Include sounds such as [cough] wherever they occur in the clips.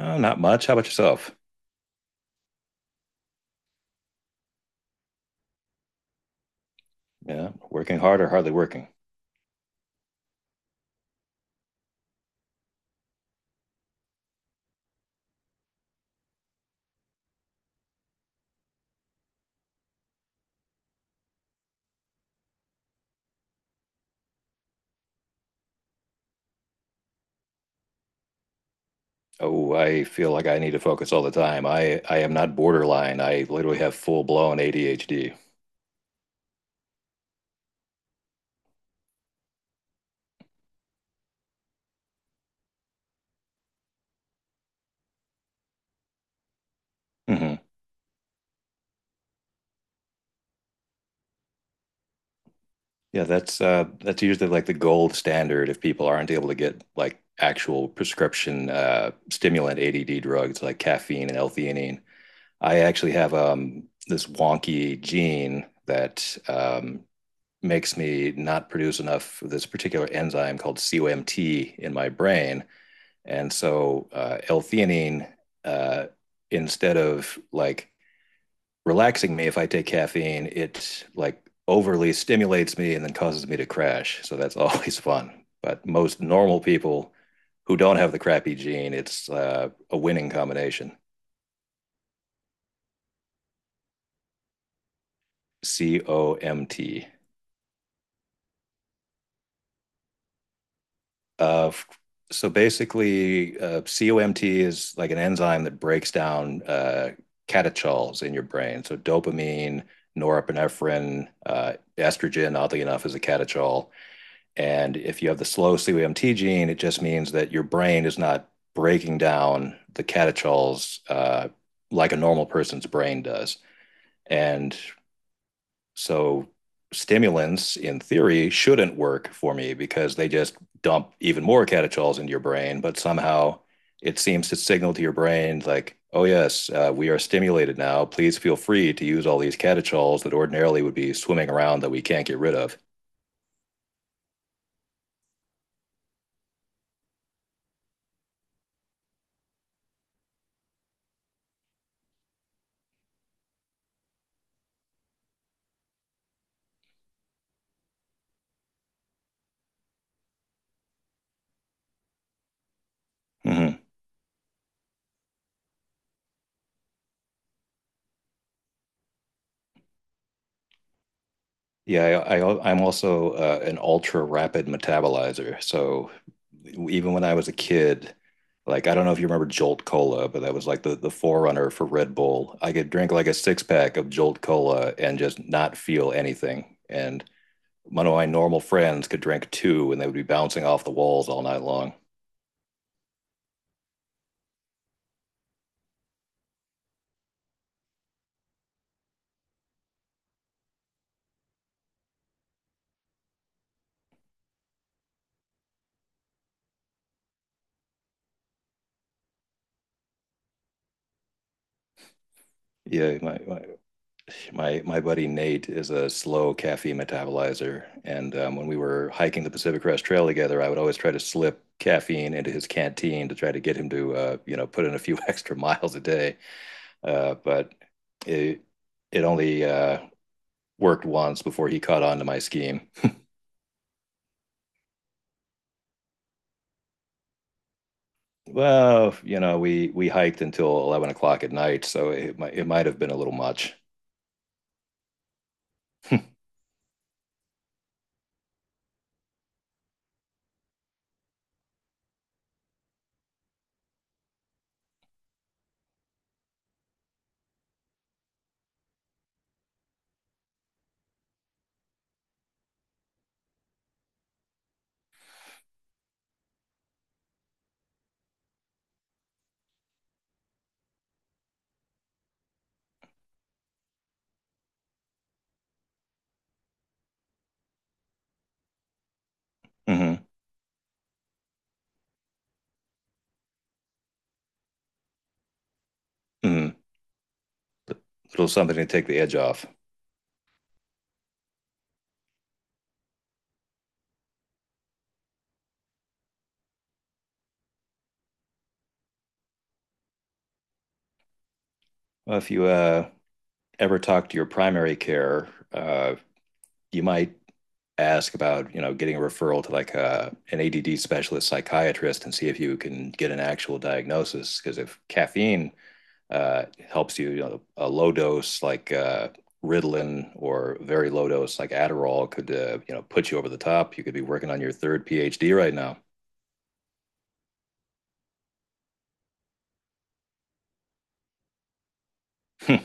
Oh, not much. How about yourself? Yeah, working hard or hardly working? Oh, I feel like I need to focus all the time. I am not borderline. I literally have full blown ADHD. hmm Yeah, that's usually like the gold standard if people aren't able to get like actual prescription stimulant ADD drugs like caffeine and L-theanine. I actually have this wonky gene that makes me not produce enough of this particular enzyme called COMT in my brain. And so L-theanine, uh, instead of like relaxing me if I take caffeine, it like overly stimulates me and then causes me to crash. So that's [laughs] always fun. But most normal people who don't have the crappy gene, it's a winning combination. COMT. Uh, So basically, COMT is like an enzyme that breaks down catechols in your brain. So dopamine, norepinephrine, estrogen, oddly enough, is a catechol. And if you have the slow COMT gene, it just means that your brain is not breaking down the catechols like a normal person's brain does. And so stimulants in theory shouldn't work for me because they just dump even more catechols into your brain, but somehow it seems to signal to your brain like, oh yes, we are stimulated now. Please feel free to use all these catechols that ordinarily would be swimming around that we can't get rid of. Mm-hmm. Yeah, I am also an ultra rapid metabolizer. So even when I was a kid, like I don't know if you remember Jolt Cola, but that was like the forerunner for Red Bull. I could drink like a six pack of Jolt Cola and just not feel anything. And one of my normal friends could drink two, and they would be bouncing off the walls all night long. Yeah, my buddy Nate is a slow caffeine metabolizer, and when we were hiking the Pacific Crest Trail together, I would always try to slip caffeine into his canteen to try to get him to put in a few [laughs] extra miles a day but it it only worked once before he caught on to my scheme. Well, you know, we hiked until 11 o'clock at night, so it might have been a little much. [laughs] Mm-hmm, mm-hmm. A little something to take the edge off. Well, if you ever talk to your primary care, you might ask about you know getting a referral to like an ADD specialist psychiatrist and see if you can get an actual diagnosis. Because if caffeine uh, helps you. You know, a low dose like Ritalin or very low dose like Adderall could you know put you over the top. You could be working on your third PhD right now. [laughs] Oh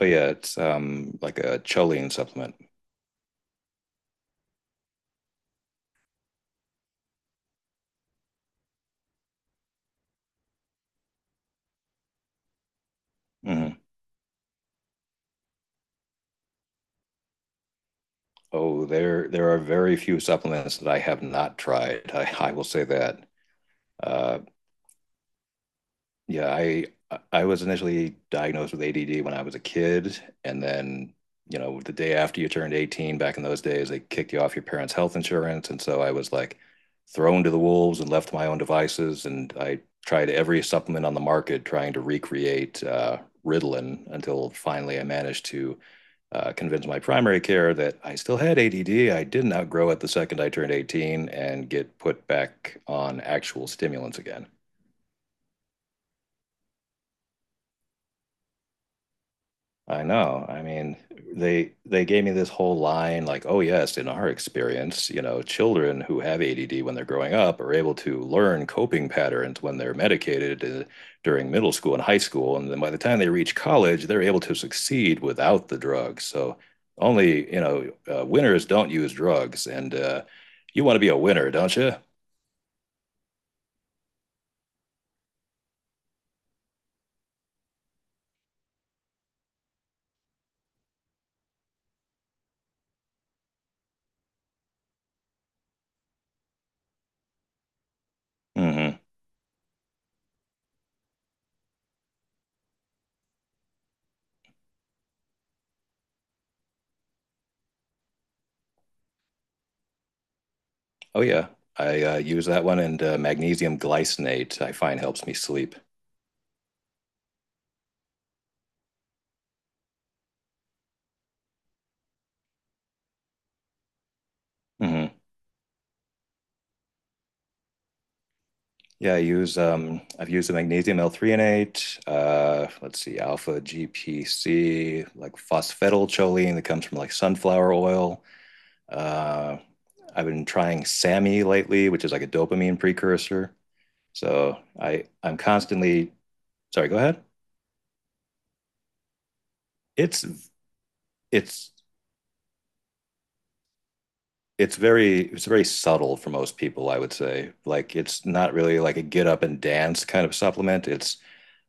yeah, it's like a choline supplement. Mm-hmm. Oh, there are very few supplements that I have not tried. [laughs] I will say that. Uh, Yeah, I was initially diagnosed with ADD when I was a kid, and then, you know, the day after you turned 18, back in those days, they kicked you off your parents' health insurance, and so I was like thrown to the wolves and left to my own devices, and I tried every supplement on the market trying to recreate Ritalin until finally I managed to convince my primary care that I still had ADD. I didn't outgrow it the second I turned 18 and get put back on actual stimulants again. I know. I mean, they gave me this whole line like, "Oh yes, in our experience, you know, children who have ADD when they're growing up are able to learn coping patterns when they're medicated during middle school and high school, and then by the time they reach college, they're able to succeed without the drugs. So, only, you know, winners don't use drugs, and you want to be a winner, don't you? hmm Oh yeah, I use that one and magnesium glycinate I find helps me sleep. hmm Yeah, I use I've used the magnesium L-threonate. Let's see, alpha GPC, like phosphatidylcholine that comes from like sunflower oil. Uh, I've been trying SAMe lately, which is like a dopamine precursor. So I'm constantly sorry. Go ahead. It's it's it's very subtle for most people, I would say. Like it's not really like a get up and dance kind of supplement. It's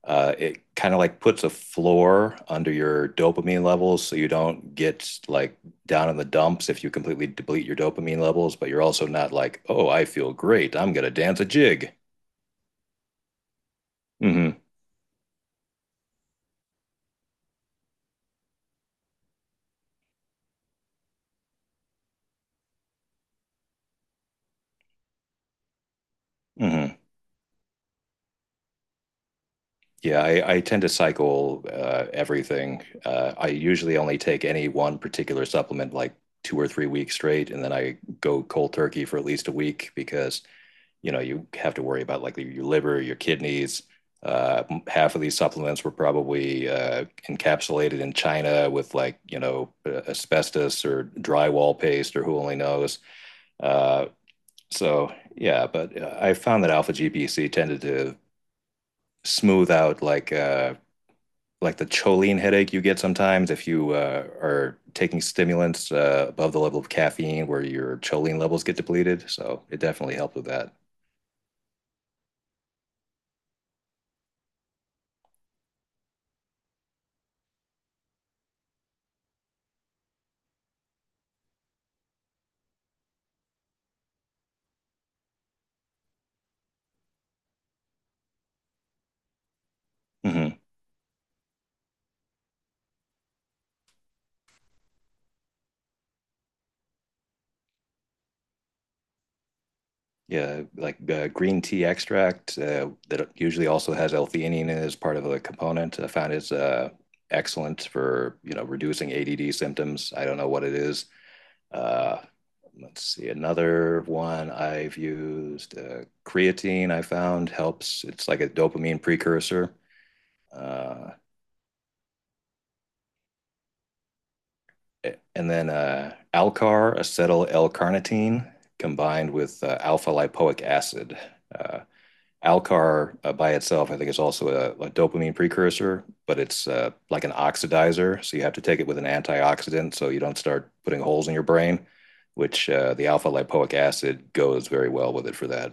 it kind of like puts a floor under your dopamine levels so you don't get like down in the dumps if you completely deplete your dopamine levels, but you're also not like, oh, I feel great. I'm gonna dance a jig. hmm hmm Yeah, I tend to cycle everything. I usually only take any one particular supplement like 2 or 3 weeks straight, and then I go cold turkey for at least a week because you know you have to worry about like your liver, your kidneys. Half of these supplements were probably encapsulated in China with like you know asbestos or drywall paste or who only knows. Uh, so yeah, but I found that alpha GPC tended to smooth out like. Like the choline headache you get sometimes if you are taking stimulants above the level of caffeine where your choline levels get depleted. So it definitely helped with that. hmm Yeah, like green tea extract that usually also has L-theanine as part of a component. I found it's excellent for, you know, reducing ADD symptoms. I don't know what it is. Uh, let's see, another one I've used, creatine I found helps. It's like a dopamine precursor. Uh, and then Alcar, acetyl L-carnitine, combined with alpha lipoic acid. Uh, Alcar by itself, I think, is also a dopamine precursor, but it's like an oxidizer. So you have to take it with an antioxidant so you don't start putting holes in your brain, which the alpha lipoic acid goes very well with it for that.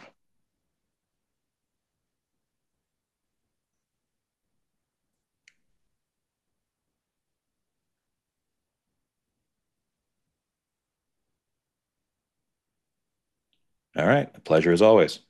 All right. A pleasure as always.